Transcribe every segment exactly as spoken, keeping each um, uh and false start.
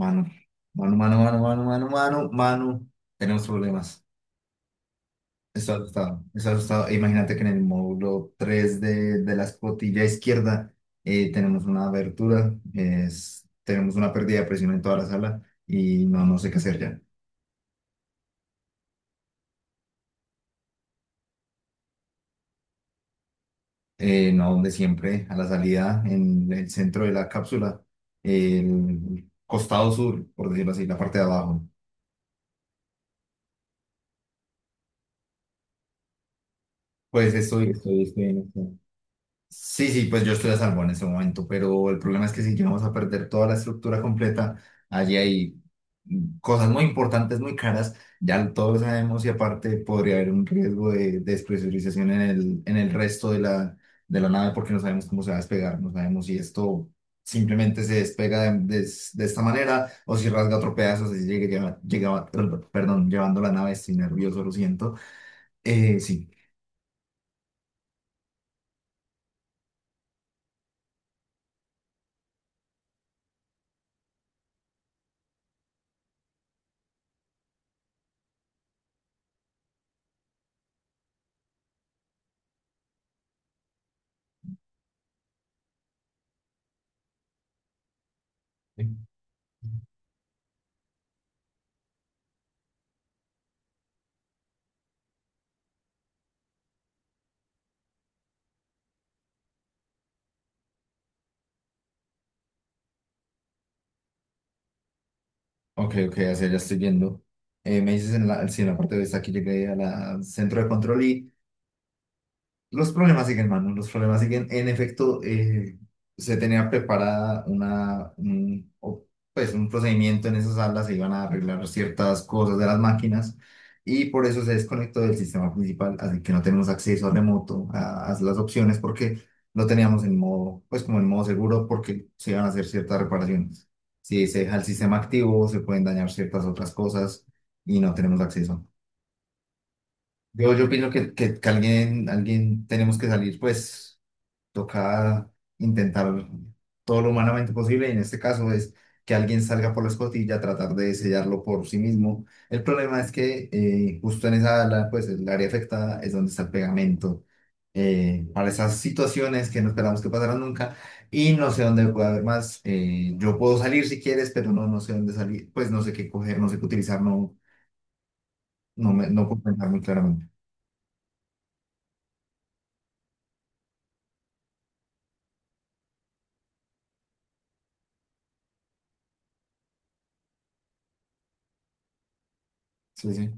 Mano, mano, mano, mano, mano, mano, mano, mano. Tenemos problemas. Está asustado, está asustado. E imagínate que en el módulo tres de, de la escotilla izquierda, eh, tenemos una abertura, es- tenemos una pérdida de presión en toda la sala y no, no sé qué hacer ya. Eh, no, donde siempre, a la salida, en el centro de la cápsula, el costado sur, por decirlo así, la parte de abajo. Pues estoy, estoy, estoy en esto. Sí, sí, pues yo estoy a salvo en ese momento, pero el problema es que si llegamos a perder toda la estructura completa, allí hay mm, cosas muy importantes, muy caras, ya todos lo sabemos, y aparte podría haber un riesgo de despresurización en el, en el resto de la, de la nave, porque no sabemos cómo se va a despegar, no sabemos si esto simplemente se despega de, de de esta manera o si rasga otro pedazo, si llegue, lleva- llegaba, perdón, llevando la nave, estoy nervioso, lo siento. Eh, sí. Ok, ok, así ya estoy viendo. Eh, me dices en la, sí, en la parte de esta, aquí llegué al centro de control. Los problemas siguen, hermano, los problemas siguen. En efecto, eh, se tenía preparada una, un, o, pues, un procedimiento en esas salas, se iban a arreglar ciertas cosas de las máquinas y por eso se desconectó del sistema principal, así que no tenemos acceso a remoto a, a las opciones porque lo teníamos en modo, pues como en modo seguro, porque se iban a hacer ciertas reparaciones. Si se deja el sistema activo, se pueden dañar ciertas otras cosas y no tenemos acceso. Yo, yo opino que, que, que alguien, alguien tenemos que salir, pues toca intentar todo lo humanamente posible, y en este caso es que alguien salga por la escotilla, tratar de sellarlo por sí mismo. El problema es que, eh, justo en esa ala, pues el área afectada es donde está el pegamento, eh, para esas situaciones que no esperamos que pasaran nunca, y no sé dónde puede haber más. Eh, yo puedo salir si quieres, pero no, no sé dónde salir, pues no sé qué coger, no sé qué utilizar, no, no, me, no puedo pensar muy claramente. Sí, sí.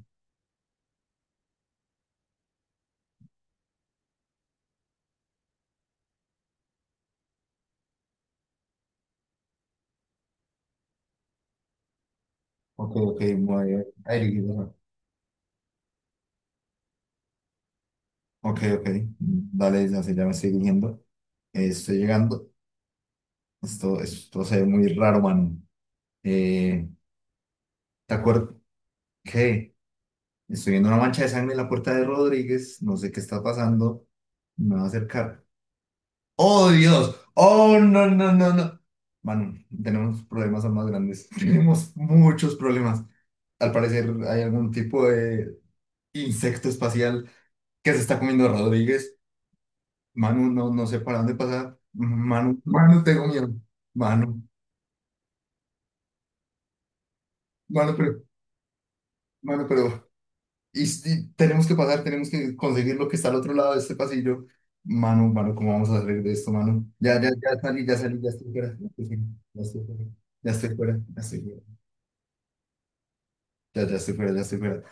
Ok, ok, muy... Ok, ok. Dale, ya se, ya me estoy dirigiendo. Eh, estoy llegando. Esto, esto se ve muy raro, mano. Eh, ¿te acuerdas? ¿Qué? Estoy viendo una mancha de sangre en la puerta de Rodríguez. No sé qué está pasando. Me va a acercar. ¡Oh, Dios! ¡Oh, no, no, no, no! Mano, tenemos problemas aún más grandes. Tenemos muchos problemas. Al parecer hay algún tipo de insecto espacial que se está comiendo a Rodríguez. Manu, no, no sé para dónde pasar. Manu, Manu, tengo miedo. Manu, Manu, pero, Manu, pero, y, y tenemos que pasar, tenemos que conseguir lo que está al otro lado de este pasillo. Manu, Manu, ¿cómo vamos a salir de esto, Manu? Ya, ya, ya salí, ya salí, ya estoy fuera, ya estoy fuera, ya estoy fuera, ya estoy fuera, ya estoy fuera, ya, ya estoy fuera, ya estoy fuera.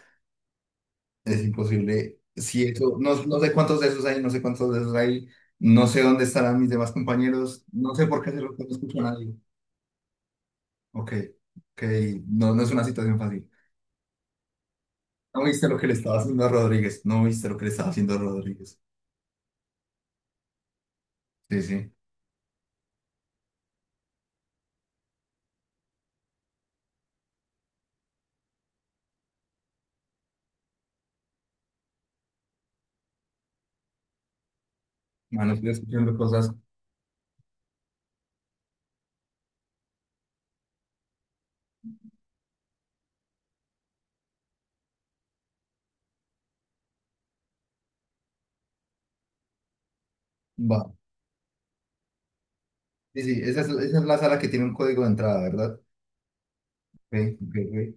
Es imposible. Si eso, no, no sé cuántos de esos hay, no sé cuántos de esos hay, no sé dónde estarán mis demás compañeros, no sé por qué hacerlo, no escucho a nadie. Ok, ok, no, no es una situación fácil. No viste lo que le estaba haciendo a Rodríguez. No viste lo que le estaba haciendo a Rodríguez. Sí, sí. Mano, estoy escuchando cosas. Va. Sí, sí. Esa es, esa es la sala que tiene un código de entrada, ¿verdad? Ok, ok, ok.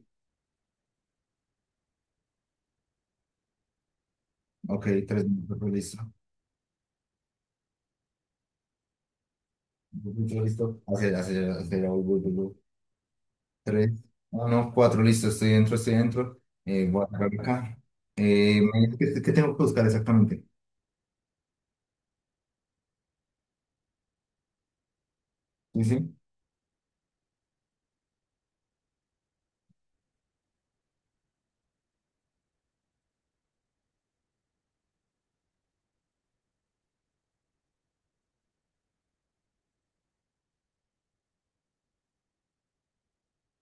Ok, tres minutos, pues, listo. Dos minutos, listo. Hacia, hacia, hacia, voy, voy, voy, voy. Tres. No, no, cuatro, listo. Estoy dentro, estoy dentro. Eh, voy a entrar acá. Eh, me- ¿qué, qué tengo que buscar exactamente? Sí, sí.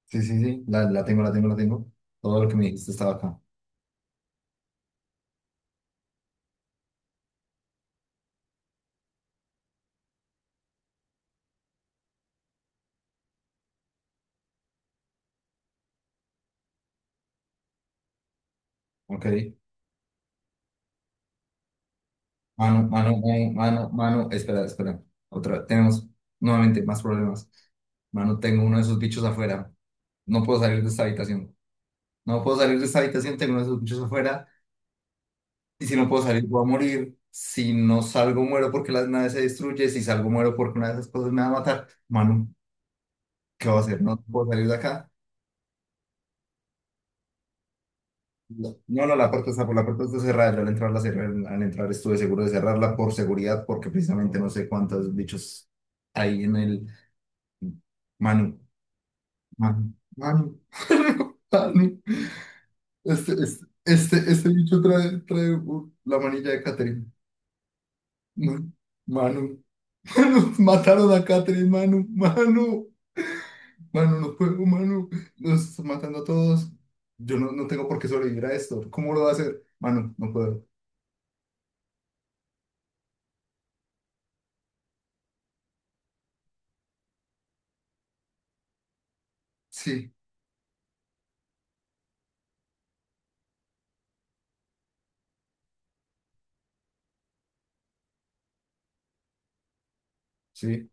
Sí, sí, sí. La, la tengo, la tengo, la tengo. Todo lo que me dijiste estaba acá. Ok. Mano, mano, mano, mano, mano, espera, espera. Otra, tenemos nuevamente más problemas. Mano, tengo uno de esos bichos afuera. No puedo salir de esta habitación. No puedo salir de esta habitación, tengo uno de esos bichos afuera. Y si no puedo salir, voy a morir. Si no salgo, muero porque la nave se destruye. Si salgo, muero porque una de esas cosas me va a matar. Mano, ¿qué voy a hacer? No puedo salir de acá. No, no, no, la puerta está, por la puerta está cerrada. Yo al entrar, la cerré, al entrar estuve seguro de cerrarla por seguridad, porque precisamente no sé cuántos bichos hay en el... Manu, Manu, Manu, Manu. Este, este, este, este bicho trae, trae uh, la manilla de Catherine. Manu, Manu, Manu, mataron a Catherine, Manu, Manu, Manu, no puedo, Manu, nos están matando a todos. Yo no, no tengo por qué sobrevivir a esto. ¿Cómo lo va a hacer? Manu, no puedo. Sí, sí.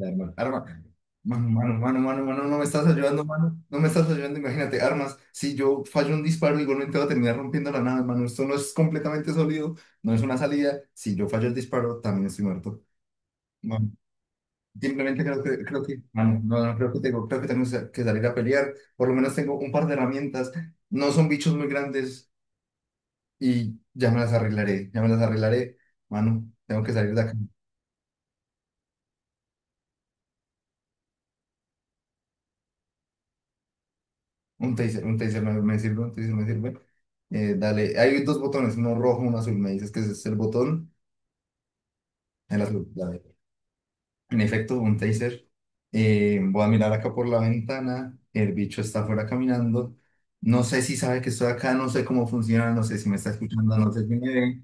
Arma, arma. Mano, mano, mano, mano, mano, no me estás ayudando, mano. No me estás ayudando, imagínate, armas. Si yo fallo un disparo, igualmente voy a terminar rompiendo la nave, mano. Esto no es completamente sólido, no es una salida. Si yo fallo el disparo, también estoy muerto. Mano, simplemente creo que, creo que, mano, no, no, creo que tengo, creo que tengo que salir a pelear. Por lo menos tengo un par de herramientas. No son bichos muy grandes y ya me las arreglaré, ya me las arreglaré. Mano, tengo que salir de acá. Un taser, un taser me, me sirve, un taser me sirve. Eh, dale, hay dos botones, uno rojo, uno azul. Me dices que ese es el botón, el azul. Dale. En efecto, un taser. Eh, voy a mirar acá por la ventana. El bicho está afuera caminando. No sé si sabe que estoy acá, no sé cómo funciona, no sé si me está escuchando, no sé si me ve.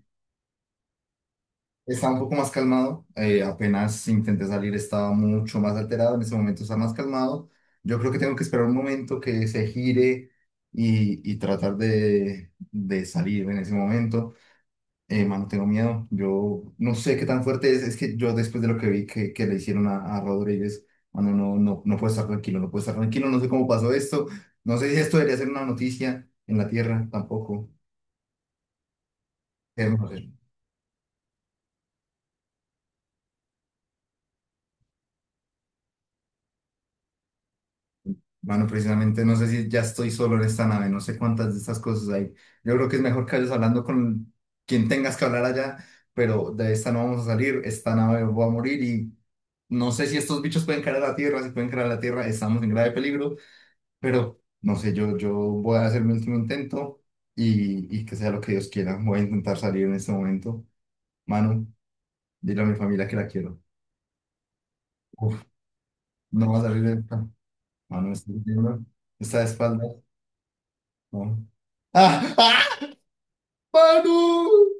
Estaba un poco más calmado, eh, apenas intenté salir estaba mucho más alterado, en ese momento está más calmado. Yo creo que tengo que esperar un momento que se gire y, y tratar de, de salir en ese momento. Eh, mano, tengo miedo, yo no sé qué tan fuerte es, es que yo después de lo que vi que, que le hicieron a, a Rodríguez, mano, no, no, no puedo estar tranquilo, no puedo estar tranquilo, no sé cómo pasó esto, no sé si esto debería ser una noticia en la tierra tampoco. Eh, no sé. Bueno, precisamente no sé si ya estoy solo en esta nave, no sé cuántas de estas cosas hay. Yo creo que es mejor que vayas hablando con quien tengas que hablar allá, pero de esta no vamos a salir, esta nave va a morir, y no sé si estos bichos pueden caer a la Tierra, si pueden caer a la Tierra, estamos en grave peligro, pero no sé, yo, yo voy a hacer mi último intento y, y que sea lo que Dios quiera. Voy a intentar salir en este momento. Manu, dile a mi familia que la quiero. Uf, no va a salir de esta. Manu, me estás viendo, está de espaldas. No. ¡Ah! ¡Ah! Paro.